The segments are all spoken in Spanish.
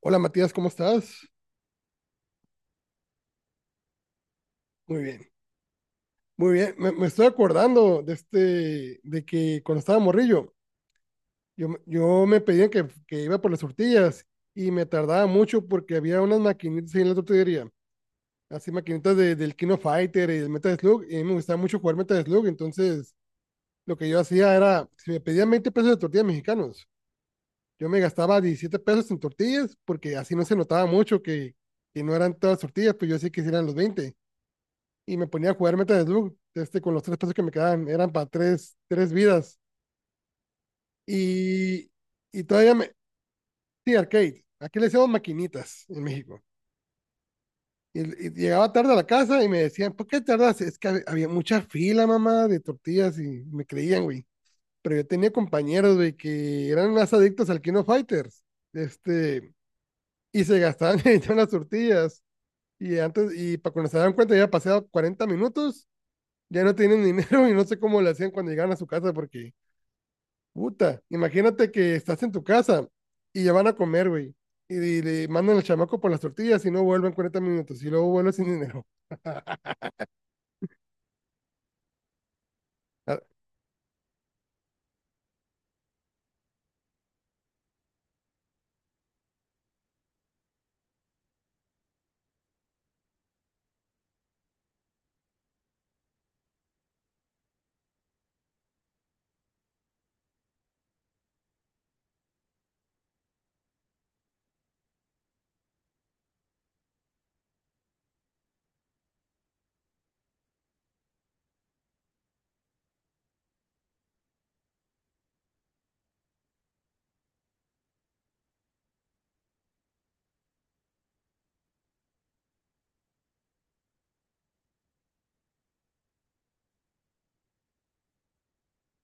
Hola Matías, ¿cómo estás? Muy bien, muy bien. Me estoy acordando de de que cuando estaba morrillo, yo me pedían que iba por las tortillas y me tardaba mucho porque había unas maquinitas ahí en la tortillería, así maquinitas del Kino Fighter y del Metal Slug, y a mí me gustaba mucho jugar Metal Slug. Entonces lo que yo hacía era, si me pedían 20 pesos de tortillas mexicanos, yo me gastaba 17 pesos en tortillas porque así no se notaba mucho que no eran todas tortillas, pues yo sí que sí eran los 20. Y me ponía a jugar Metal Slug, con los 3 pesos que me quedaban, eran para tres vidas. Y, y todavía me... Sí, arcade. Aquí le decíamos maquinitas en México. Y, y llegaba tarde a la casa y me decían, ¿por qué tardas? Es que había mucha fila, mamá, de tortillas y me creían, güey. Pero yo tenía compañeros, güey, que eran más adictos al Kino Fighters. Este, y se gastaban en las tortillas. Y antes, y para cuando se daban cuenta, ya pasado 40 minutos, ya no tienen dinero y no sé cómo le hacían cuando llegaban a su casa porque puta, imagínate que estás en tu casa y ya van a comer, güey. Y le mandan al chamaco por las tortillas y no vuelven 40 minutos. Y luego vuelve sin dinero. Ah.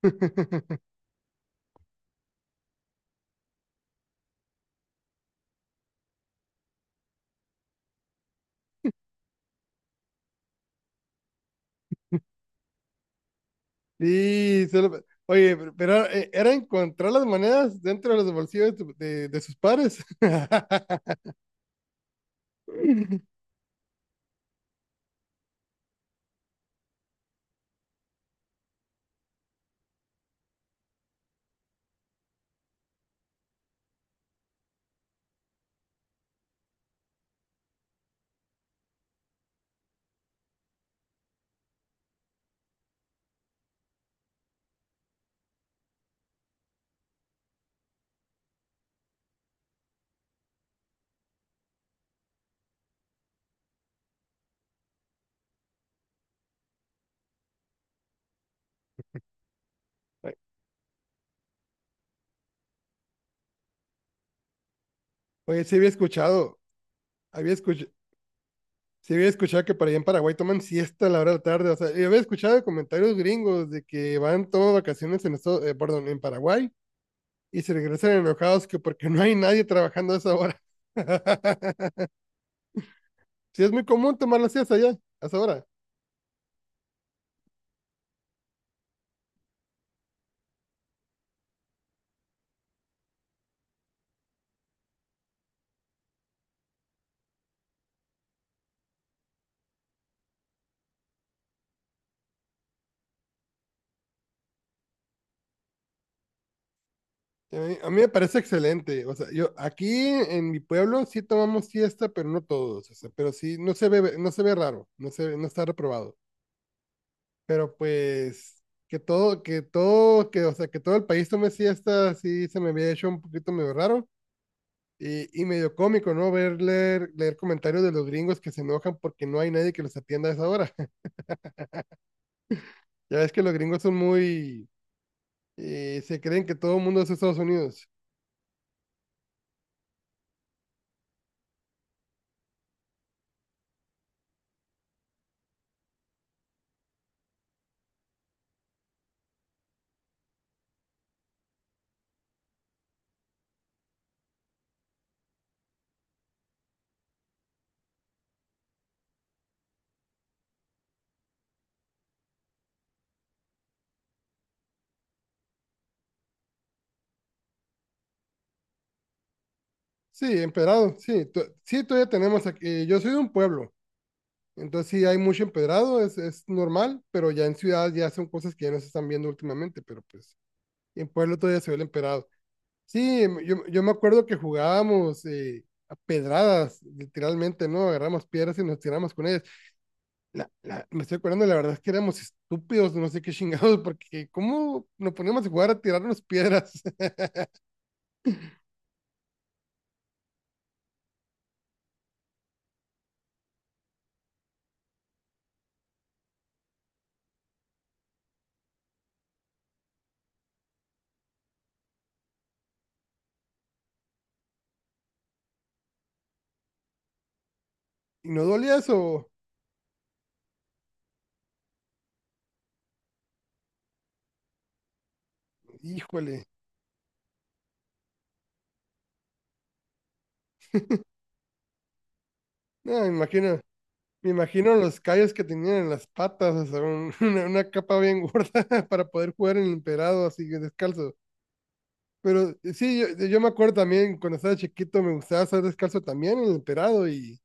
Sí, oye, pero era, era encontrar las monedas dentro de los bolsillos de sus padres. Oye, había escuchado, sí había escuchado que para allá en Paraguay toman siesta a la hora de la tarde. O sea, yo había escuchado de comentarios gringos de que van todas vacaciones en esto, perdón, en Paraguay, y se regresan enojados que porque no hay nadie trabajando a esa hora. Sí, es muy común tomar las siestas allá, a esa hora. A mí me parece excelente. O sea, yo aquí en mi pueblo sí tomamos siesta, pero no todos. O sea, pero sí, no se ve raro, no está reprobado. Pero pues o sea, que todo el país tome siesta, sí se me había hecho un poquito medio raro. Y medio cómico, ¿no? Ver leer comentarios de los gringos que se enojan porque no hay nadie que los atienda a esa hora. Ya ves que los gringos son muy... Se creen que todo el mundo es Estados Unidos. Sí, empedrado, sí. Sí, todavía tenemos aquí... Yo soy de un pueblo, entonces sí hay mucho empedrado, es normal, pero ya en ciudad ya son cosas que ya no se están viendo últimamente, pero pues en pueblo todavía se ve el empedrado. Sí, yo me acuerdo que jugábamos a pedradas, literalmente, ¿no? Agarramos piedras y nos tiramos con ellas. Me estoy acordando, la verdad es que éramos estúpidos, no sé qué chingados. ¿Porque cómo nos poníamos a jugar a tirarnos piedras? ¿Inodolias o...? Híjole. No, me imagino los callos que tenían en las patas, o sea, una capa bien gorda para poder jugar en el emperado así que descalzo. Pero sí, yo me acuerdo también cuando estaba chiquito me gustaba estar descalzo también en el emperado, y,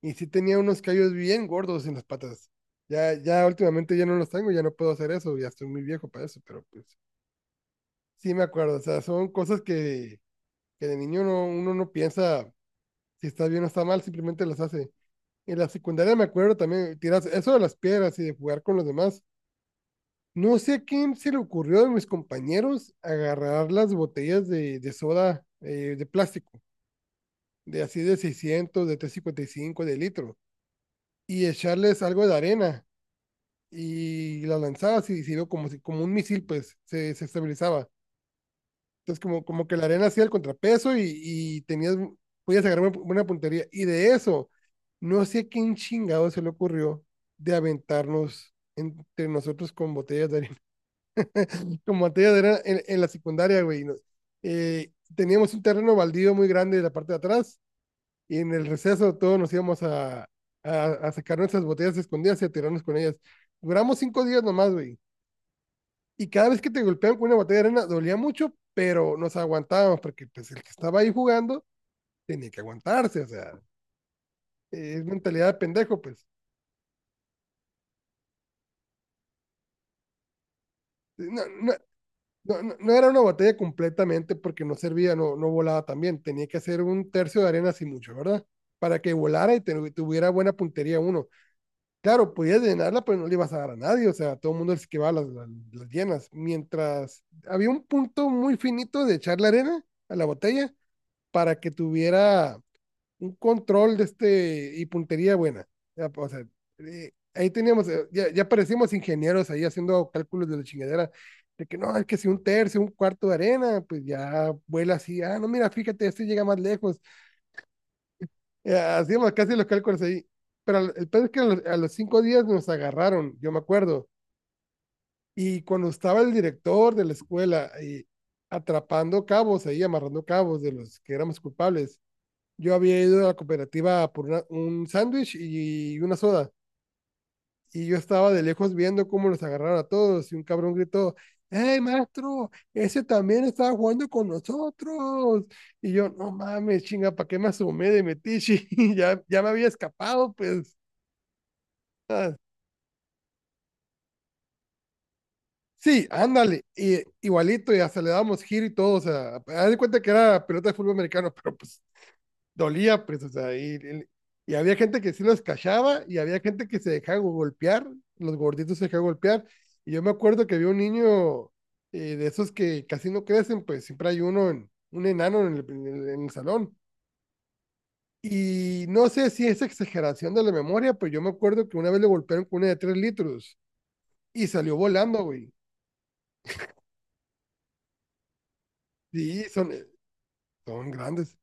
y sí tenía unos callos bien gordos en las patas. Ya, ya últimamente ya no los tengo, ya no puedo hacer eso, ya estoy muy viejo para eso, pero pues sí me acuerdo. O sea, son cosas que de niño no, uno no piensa si está bien o está mal, simplemente las hace. En la secundaria me acuerdo también tiras eso de las piedras y de jugar con los demás. No sé a quién se le ocurrió de mis compañeros agarrar las botellas de soda, de plástico, de así de 600, de 355 de litro, y echarles algo de arena y las lanzabas y sirvió como, como un misil, pues se estabilizaba. Entonces, como que la arena hacía el contrapeso, y tenías, podías agarrar una puntería. Y de eso, no sé a quién chingado se le ocurrió de aventarnos entre nosotros con botellas de arena. Con botellas de arena en la secundaria, güey. Teníamos un terreno baldío muy grande en la parte de atrás, y en el receso todos nos íbamos a sacar nuestras botellas escondidas y a tirarnos con ellas. Duramos 5 días nomás, güey, y cada vez que te golpeaban con una botella de arena dolía mucho, pero nos aguantábamos porque pues el que estaba ahí jugando tenía que aguantarse. O sea, es mentalidad de pendejo, pues. No, no, no, no era una botella completamente, porque no servía, no volaba también, tenía que hacer un tercio de arena así, mucho, ¿verdad? Para que volara y tuviera buena puntería uno. Claro, podías llenarla, pero no le ibas a dar a nadie, o sea, todo el mundo les esquivaba las llenas. Mientras había un punto muy finito de echar la arena a la botella para que tuviera un control de este y puntería buena. Ya, o sea, ahí teníamos, ya parecíamos ingenieros ahí haciendo cálculos de la chingadera, de que no, es que si un tercio, un cuarto de arena, pues ya vuela así, ah, no, mira, fíjate, este llega más lejos. Hacíamos casi los cálculos ahí. Pero el pedo es que a los, 5 días nos agarraron, yo me acuerdo. Y cuando estaba el director de la escuela y atrapando cabos ahí, amarrando cabos de los que éramos culpables, yo había ido a la cooperativa por un sándwich y una soda. Y yo estaba de lejos viendo cómo los agarraron a todos. Y un cabrón gritó, ¡Hey, maestro! Ese también estaba jugando con nosotros. Y yo, no mames, chinga, ¿para qué me asomé de metiche? Ya, ya me había escapado, pues. Ah, sí, ándale. Y, igualito, y hasta le dábamos giro y todo. O sea, haz de cuenta que era pelota de fútbol americano. Pero pues dolía, pues, o sea, y, había gente que sí los cachaba y había gente que se dejaba golpear, los gorditos se dejaban golpear. Y yo me acuerdo que había un niño, de esos que casi no crecen, pues siempre hay uno, un enano en el salón. Y no sé si es exageración de la memoria, pero yo me acuerdo que una vez le golpearon con una de 3 litros y salió volando, güey. Sí, son, son grandes.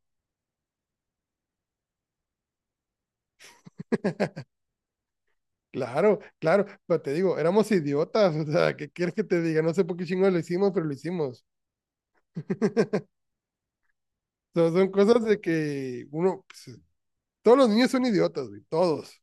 Claro, claro, pero te digo, éramos idiotas. O sea, ¿qué quieres que te diga? No sé por qué chingo lo hicimos, pero lo hicimos. So, son cosas de que uno, pues, todos los niños son idiotas, güey, todos.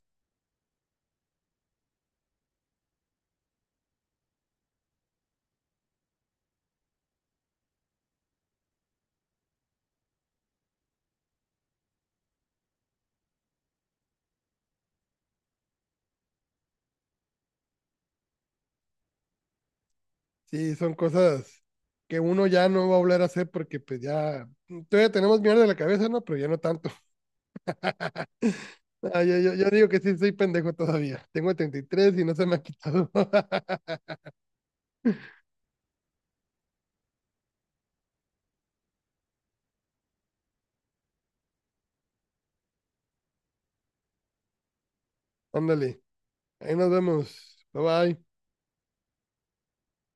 Sí, son cosas que uno ya no va a volver a hacer porque pues ya, todavía tenemos mierda en la cabeza, ¿no? Pero ya no tanto. Ah, yo digo que sí, soy pendejo todavía. Tengo 33 y no se me ha quitado. Ándale, ahí nos vemos. Bye bye.